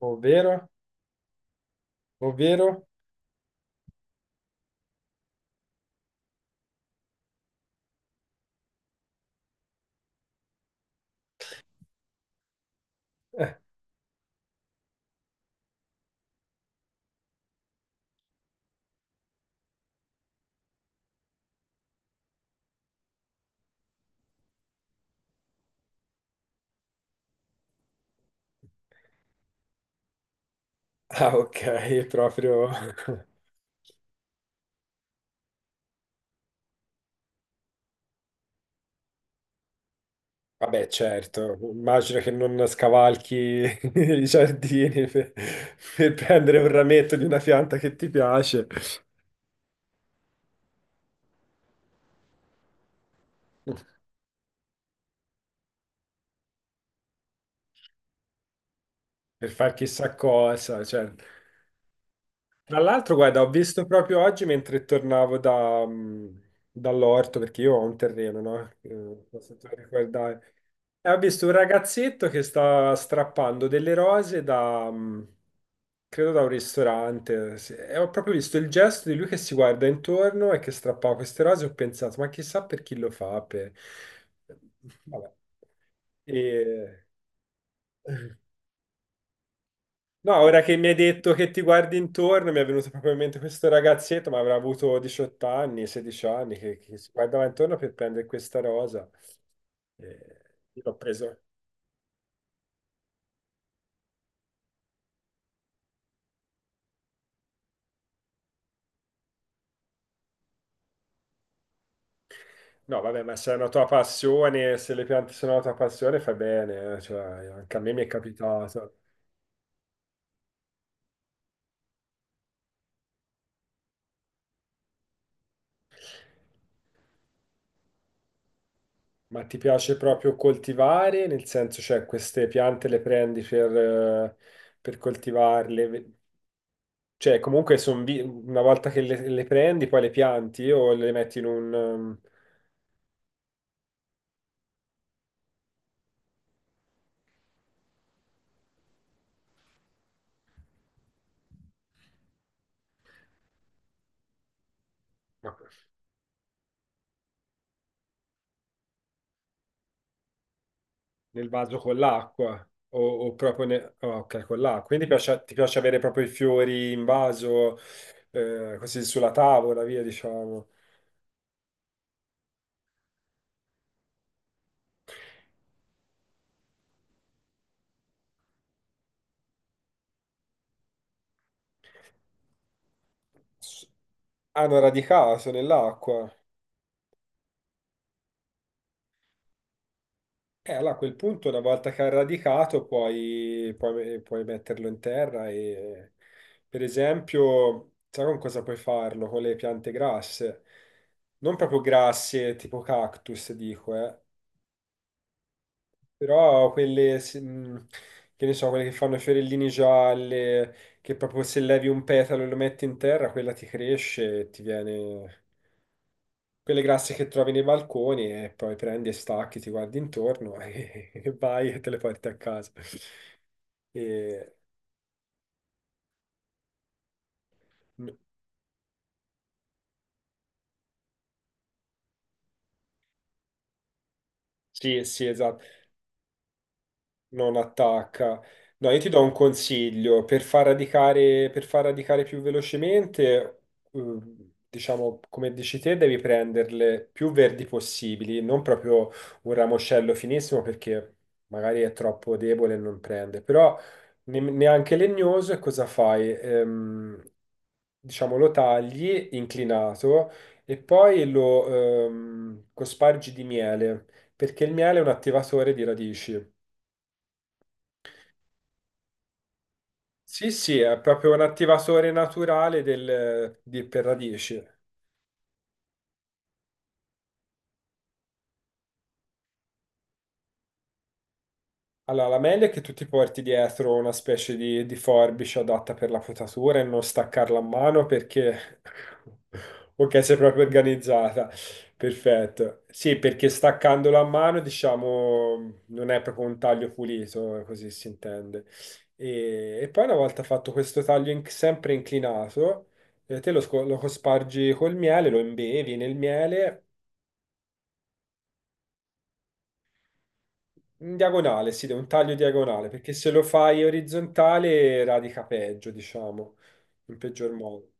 Ovvero? Ovvero? Eh, Ah, ok, proprio... Vabbè, certo, immagino che non scavalchi i giardini per prendere un rametto di una pianta che ti piace, per far chissà cosa. Cioè. Tra l'altro, guarda, ho visto proprio oggi mentre tornavo dall'orto, perché io ho un terreno, no? Non so se tu ricordavi. E ho visto un ragazzetto che sta strappando delle rose credo da un ristorante, sì. E ho proprio visto il gesto di lui che si guarda intorno e che strappava queste rose, ho pensato, ma chissà per chi lo fa, per... Vabbè. E- No, ora che mi hai detto che ti guardi intorno, mi è venuto proprio in mente questo ragazzetto, ma avrà avuto 18 anni, 16 anni, che si guardava intorno per prendere questa rosa. E io l'ho preso. No, vabbè, ma se è una tua passione, se le piante sono una tua passione, fai bene, cioè, anche a me mi è capitato. Ma ti piace proprio coltivare, nel senso, cioè, queste piante le prendi per coltivarle? Cioè, comunque, una volta che le prendi, poi le pianti o le metti in un... ehm, Nel vaso con l'acqua o proprio oh, ok, con l'acqua. Quindi ti piace avere proprio i fiori in vaso, così sulla tavola, via, diciamo. S- Hanno radicato nell'acqua. E allora a quel punto, una volta che ha radicato, puoi metterlo in terra e, per esempio, sai con cosa puoi farlo? Con le piante grasse. Non proprio grasse, tipo cactus, dico, eh. Però quelle, che ne so, quelle che fanno i fiorellini gialle, che proprio se levi un petalo e lo metti in terra, quella ti cresce e ti viene... Quelle grasse che trovi nei balconi e poi prendi e stacchi, ti guardi intorno e, e vai e te le porti a casa. E- mm, Sì, sì, esatto. Non attacca. No, io ti do un consiglio per far radicare più velocemente, eh, diciamo, come dici te, devi prenderle più verdi possibili, non proprio un ramoscello finissimo perché magari è troppo debole e non prende, però neanche legnoso. E cosa fai? Diciamo, lo tagli inclinato e poi lo cospargi di miele, perché il miele è un attivatore di radici. Sì, sì, è proprio un attivatore naturale del, di, per radici. Allora, la meglio è che tu ti porti dietro una specie di forbice adatta per la potatura e non staccarla a mano perché... Ok, sei proprio organizzata. Perfetto. Sì, perché staccandola a mano, diciamo, non è proprio un taglio pulito, così si intende. E poi una volta fatto questo taglio sempre inclinato, lo cospargi col miele, lo imbevi nel miele. In diagonale, sì, un taglio diagonale, perché se lo fai orizzontale radica peggio, diciamo, in peggior modo.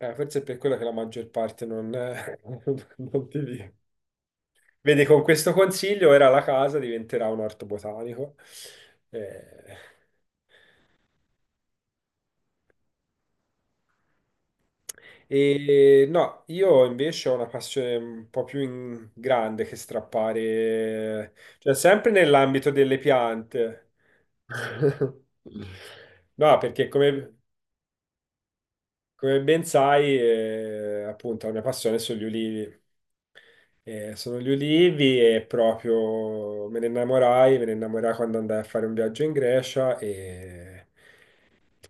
Forse è per quello che la maggior parte non, non ti dice. Vedi, con questo consiglio era la casa diventerà un orto botanico. Eh, E no, io invece ho una passione un po' più grande che strappare, cioè sempre nell'ambito delle piante. No, perché come ben sai, appunto, la mia passione sono gli ulivi. Sono gli ulivi e proprio me ne innamorai quando andai a fare un viaggio in Grecia e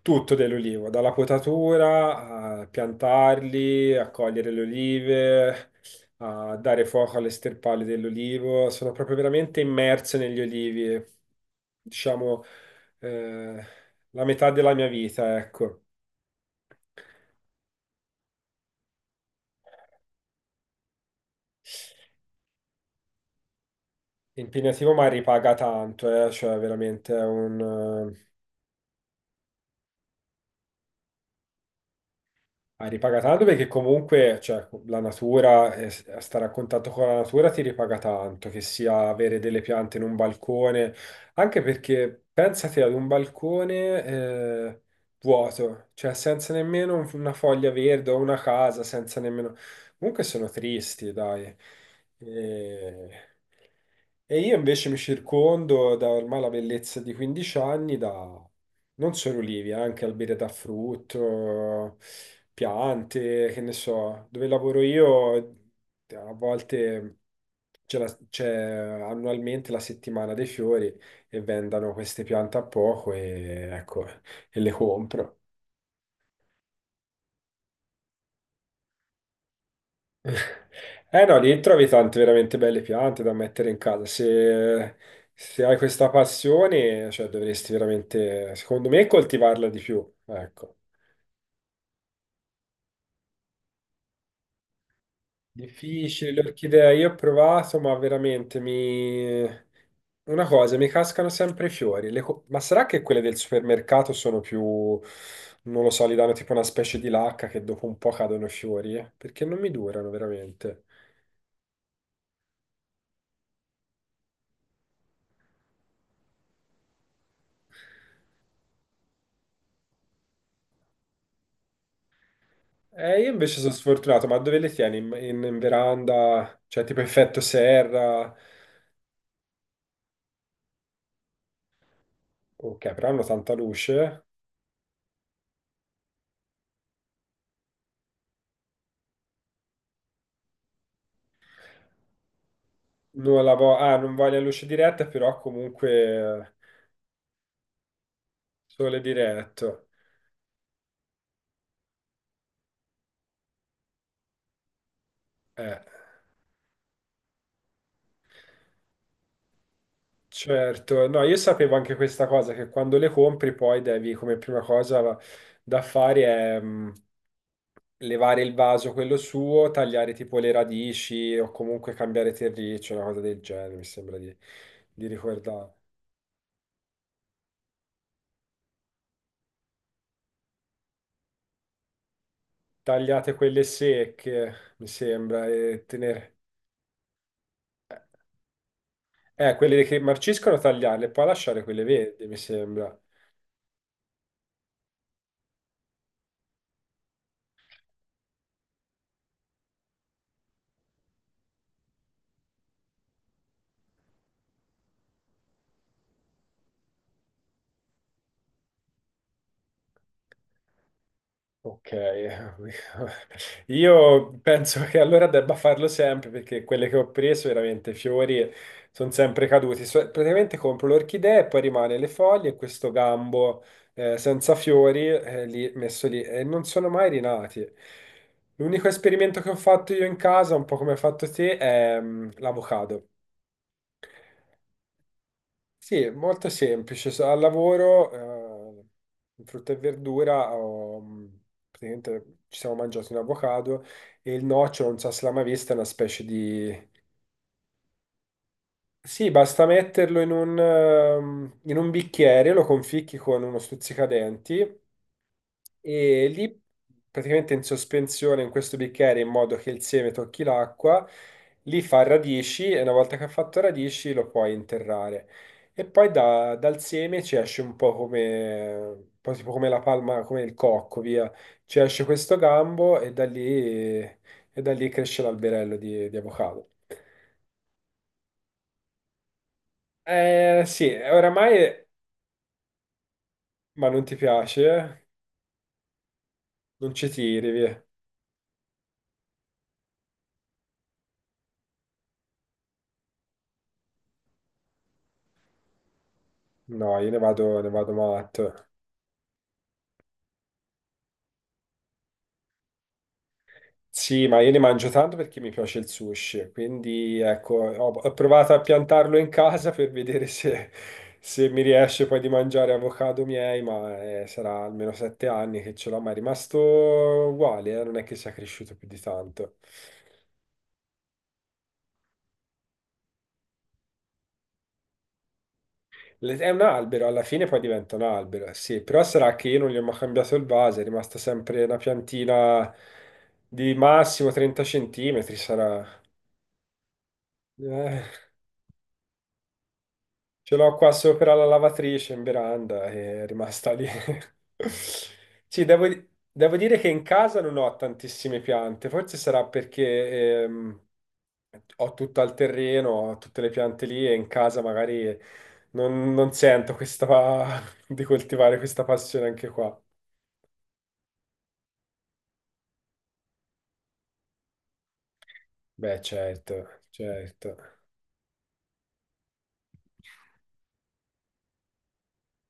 tutto dell'ulivo, dalla potatura a piantarli, a cogliere le olive, a dare fuoco alle sterpali dell'olivo. Sono proprio veramente immerso negli olivi, e, diciamo, eh, la metà della mia vita, ecco. Impegnativo, ma ripaga tanto, cioè, veramente è un... eh, Ripaga tanto perché comunque, cioè, la natura, stare a contatto con la natura ti ripaga tanto, che sia avere delle piante in un balcone, anche perché pensate ad un balcone, vuoto, cioè senza nemmeno una foglia verde o una casa, senza nemmeno... Comunque sono tristi, dai. E... E io invece mi circondo da ormai la bellezza di 15 anni da non solo olivi, anche alberi da frutto, piante, che ne so. Dove lavoro io, a volte c'è annualmente la settimana dei fiori e vendano queste piante a poco e, ecco, e le compro. Eh no, lì trovi tante veramente belle piante da mettere in casa. Se, se hai questa passione, cioè, dovresti veramente, secondo me, coltivarla di più. Ecco. Difficile, l'orchidea, io ho provato, ma veramente mi... Una cosa, mi cascano sempre i fiori. Ma sarà che quelle del supermercato sono più, non lo so, gli danno tipo una specie di lacca che dopo un po' cadono i fiori? Eh? Perché non mi durano veramente. Io invece sono sfortunato, ma dove le tieni? In veranda? Cioè tipo effetto serra? Ok, però hanno tanta luce. Non la vo- ah, Non voglio luce diretta, però comunque sole diretto. Eh. Certo, no, io sapevo anche questa cosa, che quando le compri poi devi, come prima cosa da fare è levare il vaso, quello suo, tagliare tipo le radici o comunque cambiare terriccio, una cosa del genere, mi sembra di ricordare. Tagliate quelle secche, mi sembra, e tenere... Quelle che marciscono tagliarle, poi lasciare quelle verdi, mi sembra. Ok, io penso che allora debba farlo sempre perché quelle che ho preso veramente fiori sono sempre caduti. Praticamente compro l'orchidea e poi rimane le foglie e questo gambo senza fiori messo lì e non sono mai rinati. L'unico esperimento che ho fatto io in casa, un po' come hai fatto te, è l'avocado. Sì, è molto semplice. Al lavoro, eh, in frutta e verdura, praticamente ci siamo mangiati un avocado e il nocciolo, non so se l'ha mai vista, è una specie di... Sì, basta metterlo in un bicchiere, lo conficchi con uno stuzzicadenti e lì praticamente in sospensione in questo bicchiere in modo che il seme tocchi l'acqua, lì fa radici e una volta che ha fatto radici lo puoi interrare. E poi dal seme ci esce un po' come, un po' tipo come la palma, come il cocco, via. Ci esce questo gambo e da lì cresce l'alberello di avocado. Eh sì, oramai, ma non ti piace? Non ci tiri, via. No, io ne vado matto. Sì, ma io ne mangio tanto perché mi piace il sushi, quindi ecco, ho provato a piantarlo in casa per vedere se mi riesce poi di mangiare avocado miei, ma sarà almeno 7 anni che ce l'ho, ma è rimasto uguale, non è che sia cresciuto più di tanto. È un albero, alla fine poi diventa un albero, sì, però sarà che io non gli ho mai cambiato il vaso, è rimasta sempre una piantina di massimo 30 centimetri, sarà... Eh, Ce l'ho qua sopra la lavatrice in veranda e è rimasta lì. Sì, devo dire che in casa non ho tantissime piante, forse sarà perché ho tutto al terreno, ho tutte le piante lì e in casa magari non sento questa, di coltivare questa passione anche qua. Beh, certo, certo.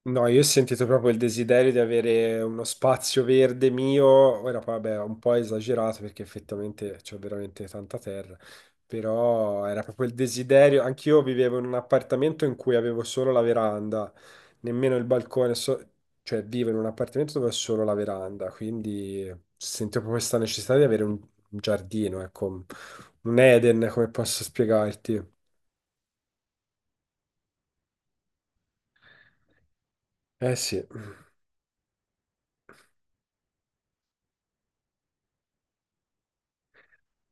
No, io ho sentito proprio il desiderio di avere uno spazio verde mio. Ora, poi, vabbè, ho un po' esagerato perché effettivamente c'ho veramente tanta terra, però era proprio il desiderio. Anch'io vivevo in un appartamento in cui avevo solo la veranda, nemmeno il balcone, cioè vivo in un appartamento dove ho solo la veranda, quindi sento proprio questa necessità di avere un giardino, ecco, un Eden, come posso spiegarti? Eh sì.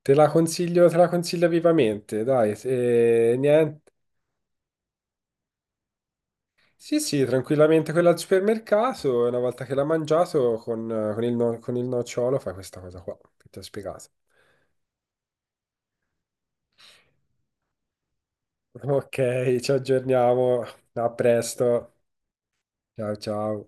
Te la consiglio vivamente, dai, niente. Sì, sì, tranquillamente quella al supermercato, e una volta che l'ha mangiato con il no- con il nocciolo fai questa cosa qua, che ti ho spiegato. Ok, ci aggiorniamo, a presto, ciao ciao.